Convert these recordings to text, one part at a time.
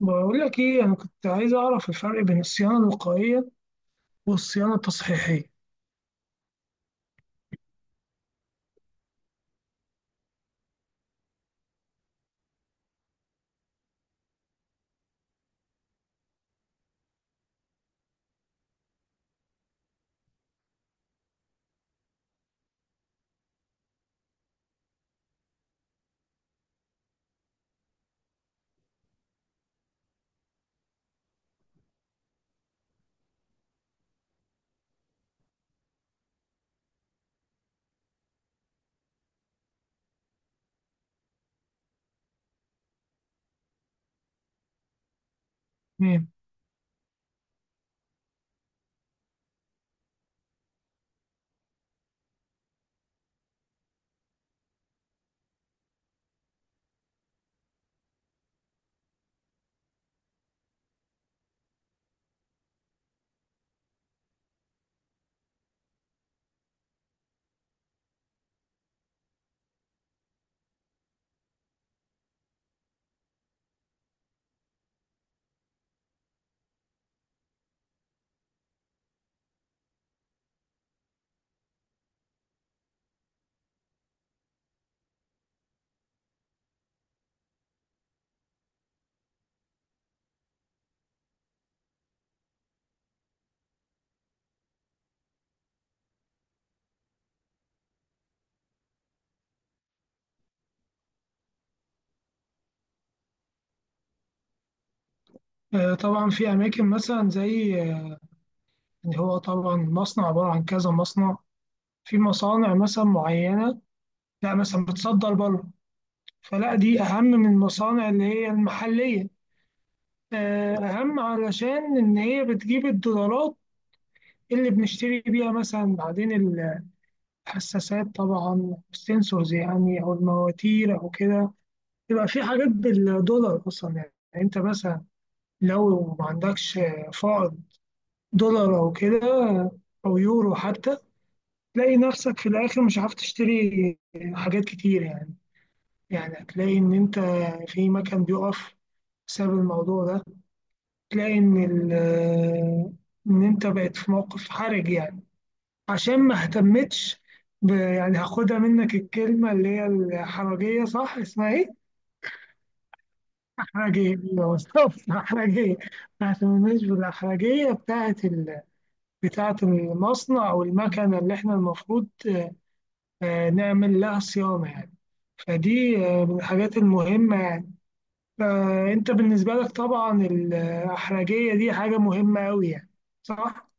بقول لك ايه، انا كنت عايز اعرف الفرق بين الصيانه الوقائيه والصيانه التصحيحيه. تمام. طبعا في اماكن مثلا زي يعني هو طبعا مصنع عباره عن كذا مصنع. في مصانع مثلا معينه، لا مثلا بتصدر بره، فلا دي اهم من المصانع اللي هي المحليه. آه اهم علشان ان هي بتجيب الدولارات اللي بنشتري بيها مثلا بعدين الحساسات، طبعا السنسورز يعني، او المواتير او كده. يبقى في حاجات بالدولار اصلا، يعني انت مثلا لو ما عندكش فائض دولار او كده، او يورو حتى، تلاقي نفسك في الاخر مش عارف تشتري حاجات كتير يعني. يعني هتلاقي ان انت في مكان بيقف بسبب الموضوع ده. تلاقي ان ان انت بقيت في موقف حرج يعني. عشان ما اهتمتش يعني هاخدها منك الكلمة اللي هي الحرجية، صح؟ اسمها ايه؟ أحرجية، بالظبط، أحرجية. ما اهتمناش بالأحرجية بتاعة ال... بتاعة المصنع أو المكنة اللي إحنا المفروض نعمل لها صيانة يعني. فدي من الحاجات المهمة يعني. فأنت بالنسبة لك طبعا الأحرجية دي حاجة مهمة أوي يعني، صح؟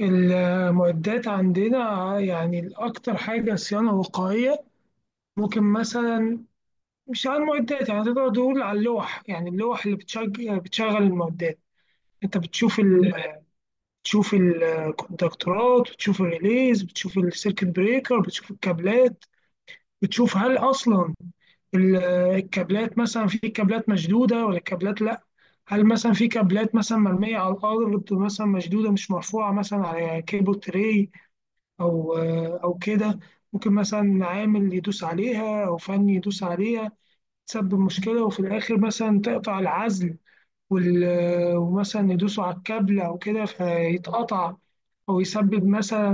المعدات عندنا يعني الأكتر حاجة صيانة وقائية. ممكن مثلا مش على المعدات، يعني تقدر تقول على اللوح، يعني اللوح اللي بتشغل بتشغل المعدات. انت بتشوف تشوف الكونتاكتورات، بتشوف الريليز، بتشوف السيركت بريكر، بتشوف الكابلات. بتشوف هل اصلا ال- الكابلات مثلا، في كابلات مشدوده ولا كابلات لا. هل مثلا في كابلات مثلا مرميه على الارض، مثلا مشدوده مش مرفوعه مثلا على كيبل تري او او كده. ممكن مثلا عامل يدوس عليها او فني يدوس عليها، تسبب مشكله وفي الاخر مثلا تقطع العزل وال... ومثلا يدوسوا على الكابل أو كده فيتقطع. أو يسبب مثلا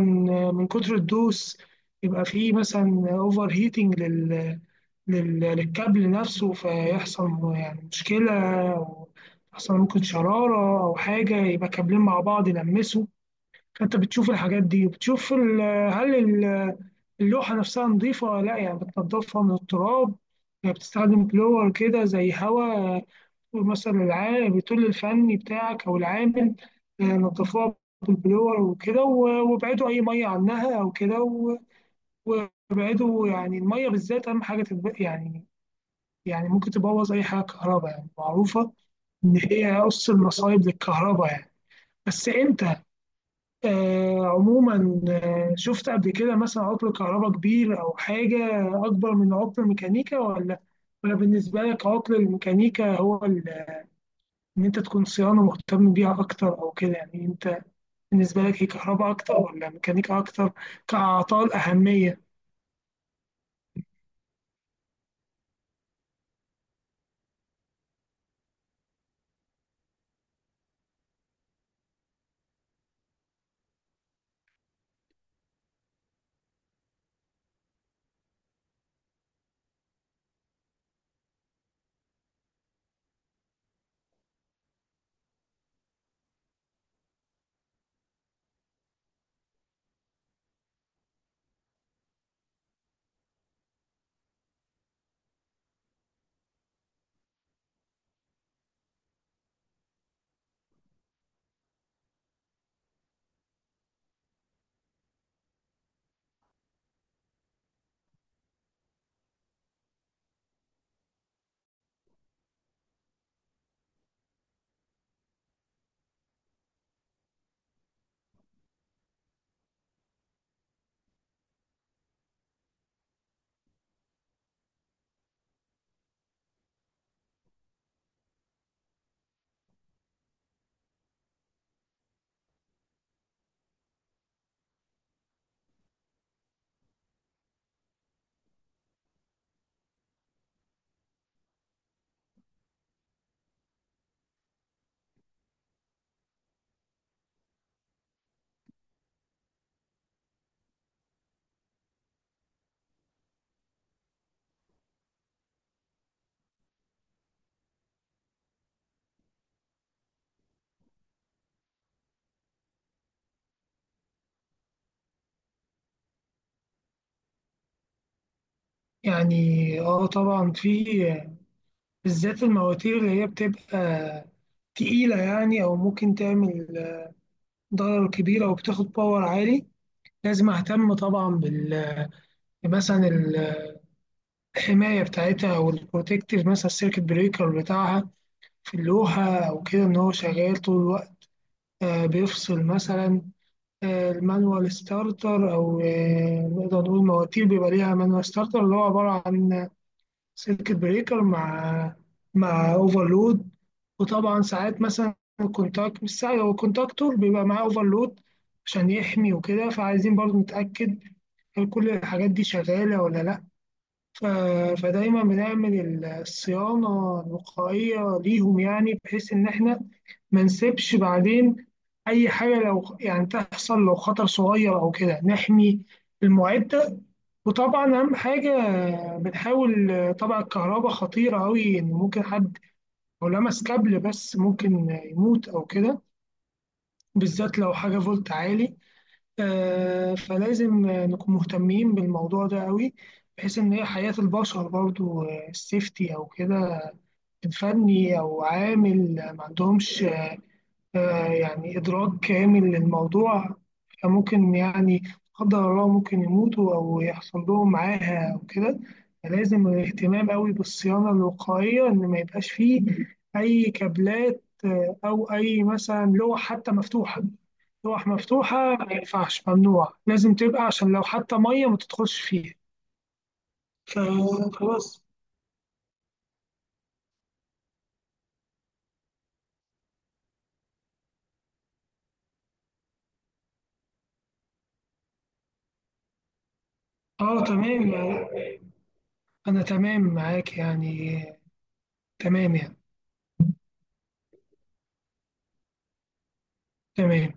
من كتر الدوس يبقى فيه مثلا أوفر هيتنج لل... لل... للكابل نفسه، فيحصل يعني مشكلة. أو يحصل ممكن شرارة أو حاجة، يبقى كابلين مع بعض يلمسوا. فأنت بتشوف الحاجات دي وبتشوف ال... هل اللوحة نفسها نظيفة ولا لأ، يعني بتنضفها من التراب. يعني بتستخدم بلور كده زي هوا، مثلا العامل بتقول للفني بتاعك او العامل، نضفوها بالبلور وكده وابعدوا اي ميه عنها او كده، وابعدوا يعني الميه بالذات، اهم حاجه يعني يعني ممكن تبوظ اي حاجه كهرباء، يعني معروفه ان هي قص المصايب للكهرباء يعني. بس انت عموما شفت قبل كده مثلا عطل كهرباء كبير او حاجه اكبر من عطل الميكانيكا، ولا ولا بالنسبه لك عطل الميكانيكا هو ان انت تكون صيانه مهتم بيها اكتر او كده، يعني انت بالنسبه لك هي كهرباء اكتر ولا ميكانيكا اكتر، كاعطال اهميه يعني؟ اه طبعا، في بالذات المواتير اللي هي بتبقى تقيله يعني، او ممكن تعمل ضرر كبير او بتاخد باور عالي. لازم اهتم طبعا بال مثلا الحمايه بتاعتها او البروتكتيف، مثلا السيركت بريكر بتاعها في اللوحه او كده، ان هو شغال طول الوقت. بيفصل مثلا المانوال ستارتر، او نقدر نقول مواتير بيبقى ليها مانوال ستارتر، اللي هو عباره عن سيركت بريكر مع اوفرلود. وطبعا ساعات مثلا الكونتاكت، مش ساعات، هو الكونتاكتور بيبقى معاه اوفرلود عشان يحمي وكده. فعايزين برضو نتاكد هل كل الحاجات دي شغاله ولا لا. فدايما بنعمل الصيانة الوقائية ليهم، يعني بحيث إن إحنا ما نسيبش بعدين أي حاجة لو يعني تحصل، لو خطر صغير أو كده نحمي المعدة. وطبعا أهم حاجة بنحاول، طبعا الكهرباء خطيرة أوي، إن ممكن حد لو لمس كابل بس ممكن يموت أو كده، بالذات لو حاجة فولت عالي. فلازم نكون مهتمين بالموضوع ده قوي، بحيث إن هي حياة البشر برضو، السيفتي أو كده. فني أو عامل ما عندهمش يعني إدراك كامل للموضوع، فممكن يعني لا قدر الله ممكن يموتوا أو يحصل لهم معاها أو كده. فلازم اهتمام قوي بالصيانة الوقائية، إن ما يبقاش فيه أي كابلات أو أي مثلا لوح حتى مفتوحة. لوح مفتوحة ما ينفعش، ممنوع، لازم تبقى عشان لو حتى مية ما تدخلش فيها. فخلاص. اه تمام، أنا تمام معاك يعني، تمام يعني. تمام.